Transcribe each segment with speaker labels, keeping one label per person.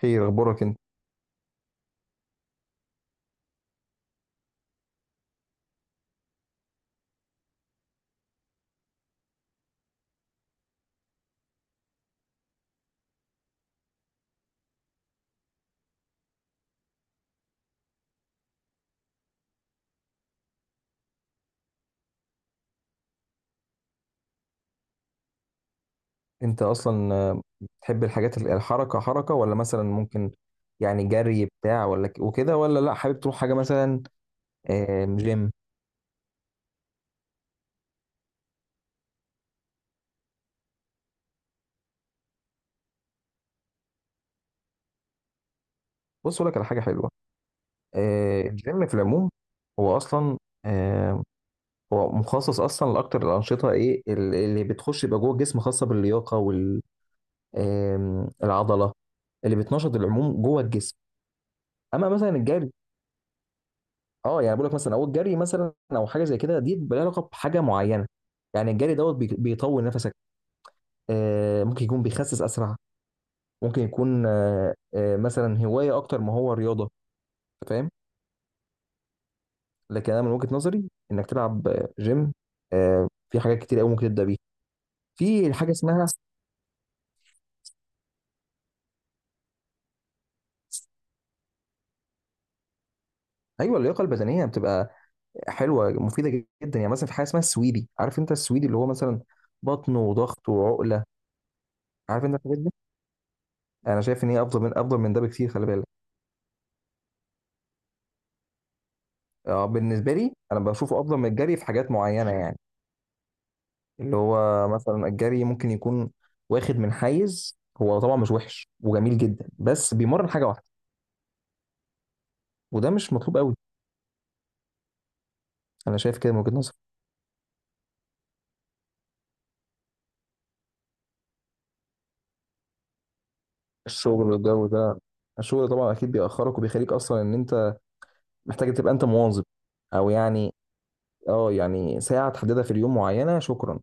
Speaker 1: خير، اخبارك انت اصلا بتحب الحاجات الحركه حركه، ولا مثلا ممكن يعني جري بتاع، ولا وكده، ولا لا حابب تروح حاجه مثلا جيم؟ بص اقول لك على حاجه حلوه. الجيم في العموم هو اصلا آه، هو مخصص اصلا لاكتر الانشطه اللي بتخش يبقى جوه الجسم، خاصه باللياقه والعضله اللي بتنشط العموم جوه الجسم. اما مثلا الجري، اه يعني بقول لك مثلا، او الجري مثلا، او حاجه زي كده دي، بلا علاقه بحاجه معينه. يعني الجري دوت بيطول نفسك. ممكن يكون بيخسس اسرع. ممكن يكون مثلا هوايه اكتر ما هو رياضه. أنت فاهم؟ لكن انا من وجهه نظري انك تلعب جيم. في حاجات كتير قوي ممكن تبدا بيها. في حاجه اسمها، ايوه، اللياقه البدنيه بتبقى حلوه، مفيده جدا. يعني مثلا في حاجه اسمها السويدي. عارف انت السويدي؟ اللي هو مثلا بطن وضغط وعقله. عارف انت الحاجات دي. انا شايف ان هي افضل من ده بكتير، خلي بالك. اه بالنسبه لي انا بشوفه افضل من الجري في حاجات معينه، يعني اللي هو مثلا الجري ممكن يكون واخد من حيز، هو طبعا مش وحش وجميل جدا، بس بيمرن حاجه واحده. وده مش مطلوب قوي. انا شايف كده من وجهه نظري. الشغل والجو ده، الشغل طبعا اكيد بيأخرك وبيخليك اصلا ان انت محتاج تبقى انت مواظب، او يعني اه يعني ساعه تحددها في اليوم معينه. شكرا.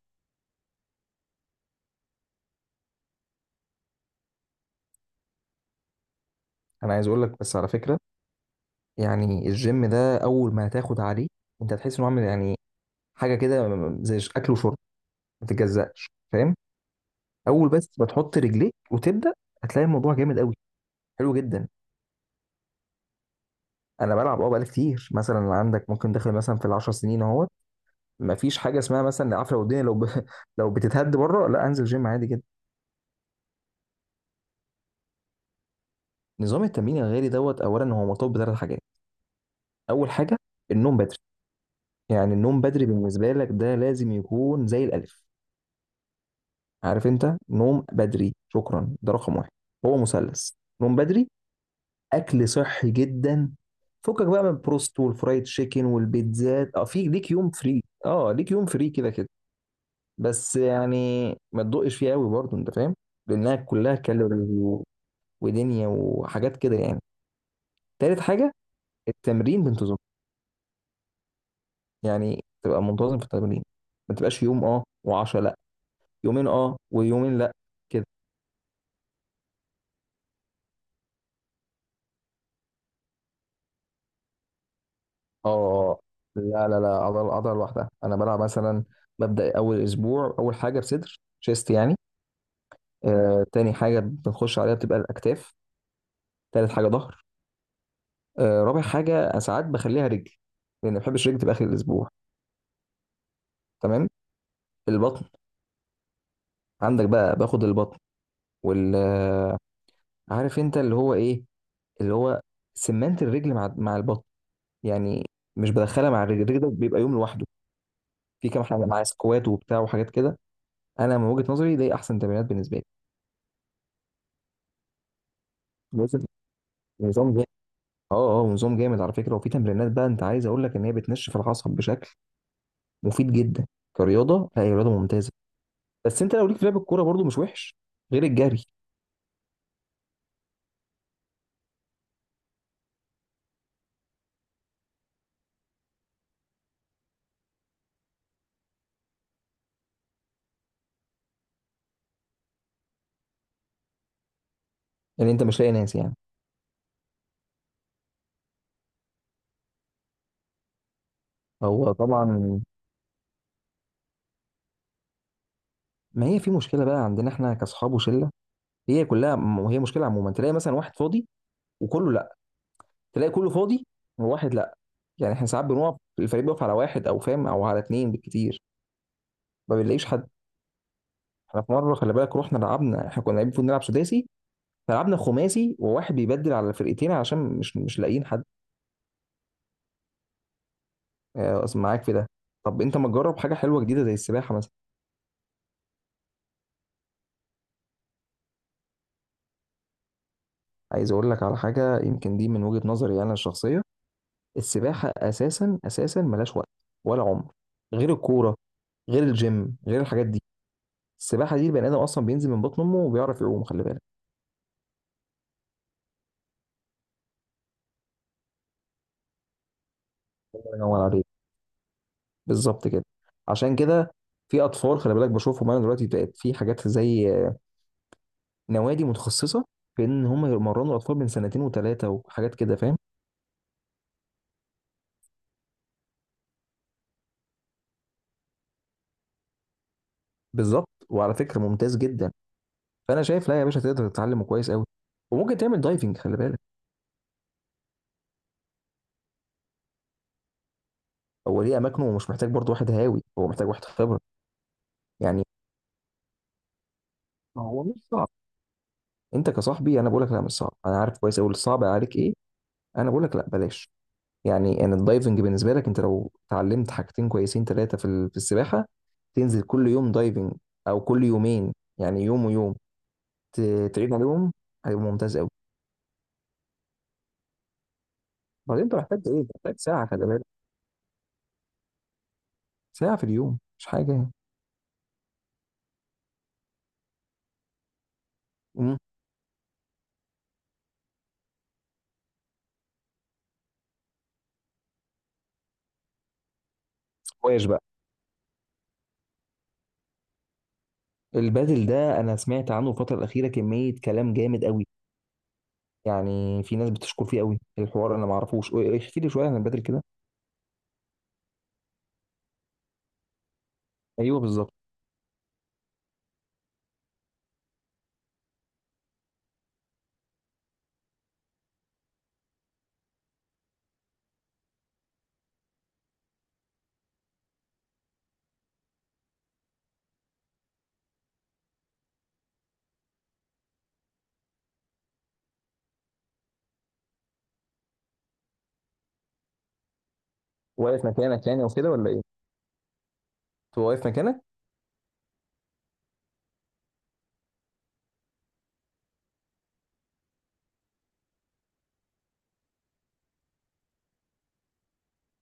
Speaker 1: انا عايز اقول لك بس على فكره، يعني الجيم ده اول ما هتاخد عليه انت هتحس انه عامل يعني حاجه كده زي اكل وشرب ما تتجزأش، فاهم؟ اول بس ما تحط رجليك وتبدا، هتلاقي الموضوع جامد قوي، حلو جدا. انا بلعب اه، بقالي كتير. مثلا عندك ممكن داخل مثلا في ال10 سنين اهوت. ما فيش حاجه اسمها مثلا عفره والدنيا لو لو بتتهد بره، لا، انزل جيم عادي جدا. نظام التمرين الغالي دوت اولا هو مرتبط بثلاث حاجات. اول حاجه النوم بدري. يعني النوم بدري بالنسبه لك ده لازم يكون زي الالف. عارف انت نوم بدري؟ شكرا. ده رقم واحد. هو مثلث: نوم بدري، اكل صحي جدا، فكك بقى من البروست والفرايد تشيكن والبيتزات. اه في ليك يوم فري، اه ليك يوم فري، كده كده. بس يعني ما تدقش فيه قوي برضه، انت فاهم؟ لانها كلها كالوري ودنيا وحاجات كده يعني. تالت حاجه التمرين بانتظام. يعني تبقى منتظم في التمرين. ما تبقاش يوم اه و10 لا، يومين اه ويومين لا، كده. اه آه، آه. لا لا لا، عضله عضله لوحدها. انا بلعب مثلا ببدا اول اسبوع اول حاجه بصدر شيست يعني. تاني حاجة بنخش عليها بتبقى الأكتاف. تالت حاجة ظهر. رابع حاجة أنا ساعات بخليها رجل، لأن ما بحبش رجل تبقى آخر الأسبوع. تمام. البطن، عندك بقى باخد البطن وال آه، عارف أنت اللي هو إيه، اللي هو سمنت الرجل مع البطن. يعني مش بدخلها مع الرجل. الرجل ده بيبقى يوم لوحده. في كام حاجة معاه، سكوات وبتاع وحاجات كده. أنا من وجهة نظري دي أحسن تمرينات بالنسبة لي. بص، نظام جامد. اه اه نظام جامد على فكرة. وفي تمرينات بقى أنت عايز أقول لك إن هي بتنشف العصب بشكل مفيد جدا. كرياضه، لا هي رياضه ممتازه. بس انت لو ليك في لعب الكوره برضو مش وحش، غير الجري. يعني انت مش لاقي ناس يعني. هو طبعا ما هي في مشكله بقى عندنا احنا كاصحاب وشله، هي كلها. وهي مشكله عموما، تلاقي مثلا واحد فاضي وكله لا، تلاقي كله فاضي وواحد لا. يعني احنا ساعات بنقف، الفريق بيقف على واحد، او فاهم، او على اتنين بالكتير. ما بنلاقيش حد. احنا في مره خلي بالك رحنا لعبنا، احنا كنا لاعبين المفروض نلعب سداسي، فلعبنا خماسي وواحد بيبدل على الفرقتين عشان مش لاقيين حد. أصل معاك في ده. طب انت ما تجرب حاجه حلوه جديده زي السباحه مثلا؟ عايز اقول لك على حاجه، يمكن دي من وجهه نظري انا الشخصيه، السباحه اساسا اساسا ملاش وقت ولا عمر، غير الكوره، غير الجيم، غير الحاجات دي. السباحه دي البني ادم اصلا بينزل من بطن امه وبيعرف يعوم، خلي بالك. الله ينور عليك، بالظبط كده. عشان كده في اطفال، خلي بالك بشوفهم انا دلوقتي بقت، في حاجات زي نوادي متخصصه في ان هم يمرنوا الاطفال من سنتين وثلاثه وحاجات كده، فاهم؟ بالظبط وعلى فكره ممتاز جدا. فانا شايف لا يا باشا تقدر تتعلمه كويس قوي، وممكن تعمل دايفنج، خلي بالك. هو ليه اماكنه، ومش محتاج برضو واحد هاوي، هو محتاج واحد خبره. يعني ما هو مش صعب. انت كصاحبي انا بقول لك لا مش صعب، انا عارف كويس قوي الصعب عليك ايه. انا بقول لك لا بلاش. يعني ان الدايفنج بالنسبه لك، انت لو اتعلمت حاجتين كويسين ثلاثه في في السباحه، تنزل كل يوم دايفنج او كل يومين، يعني يوم ويوم، تعيد عليهم، هيبقى ممتاز قوي. بعدين انت محتاج ايه؟ محتاج ساعه، خلي بالك، ساعه في اليوم مش حاجه يعني. مم. واش بقى. البادل ده انا سمعت عنه الفتره الاخيره كميه كلام جامد قوي. يعني في ناس بتشكر فيه قوي، الحوار انا ما اعرفوش، ايه، ايه، احكي لي شويه عن البادل كده. ايوه، بالظبط. واقف مكانك يعني، او كده ولا ايه؟ هو واقف مكانك.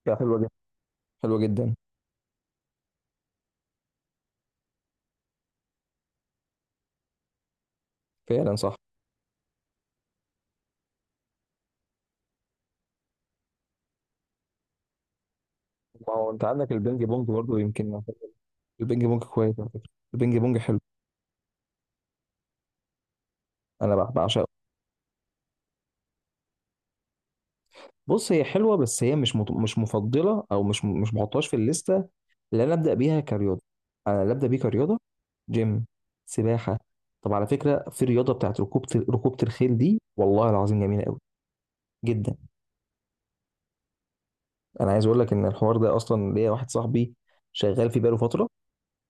Speaker 1: لا، حلوه جدا، حلوه جدا. فعلا صح. ما هو انت عندك البينج بونج برضه يمكن. البينج بونج كويس على فكره، البينج بونج حلو، انا بعشقه. بص هي حلوه، بس هي مش مفضله، او مش بحطهاش في الليسته اللي انا ابدا بيها كرياضه. انا اللي ابدا بيه كرياضه جيم، سباحه. طب على فكره في رياضه بتاعت ركوبه الخيل، دي والله العظيم جميله قوي جدا. انا عايز اقول لك ان الحوار ده اصلا ليا واحد صاحبي شغال فيه بقاله فتره،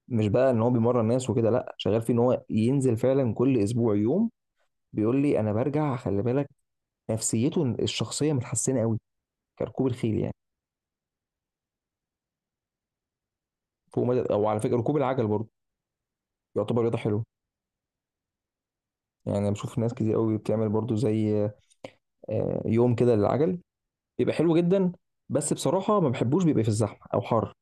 Speaker 1: مش بقى ان هو بيمرن ناس وكده، لا، شغال فيه ان هو ينزل فعلا كل اسبوع يوم. بيقول لي انا برجع، خلي بالك، نفسيته الشخصيه متحسنه قوي، كركوب الخيل يعني. فوق مدى. او على فكره ركوب العجل برضه يعتبر رياضه حلوه. يعني أنا بشوف ناس كتير قوي بتعمل برضو زي يوم كده للعجل، بيبقى حلو جدا. بس بصراحه ما بحبوش، بيبقى في الزحمه او حر.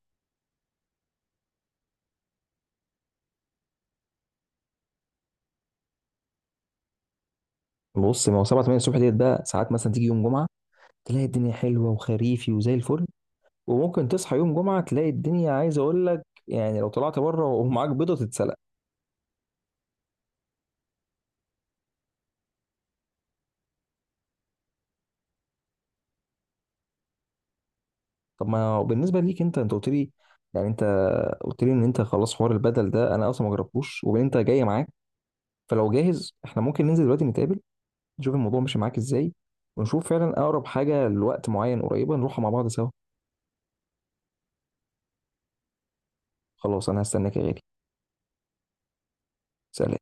Speaker 1: بص ما هو 7 8 الصبح ديت، بقى ساعات مثلا تيجي يوم جمعه تلاقي الدنيا حلوه وخريفي وزي الفل. وممكن تصحى يوم جمعه تلاقي الدنيا، عايز اقول لك، يعني لو طلعت بره ومعاك بيضه تتسلق. طب ما هو بالنسبه ليك انت قلت لي، يعني انت ان انت خلاص حوار البدل ده انا اصلا ما جربتوش، وبين انت جاي معاك، فلو جاهز احنا ممكن ننزل دلوقتي نتقابل، نشوف الموضوع ماشي معاك ازاي، ونشوف فعلا اقرب حاجه لوقت معين قريبه نروحها مع بعض سوا. خلاص انا هستناك يا غالي. سلام.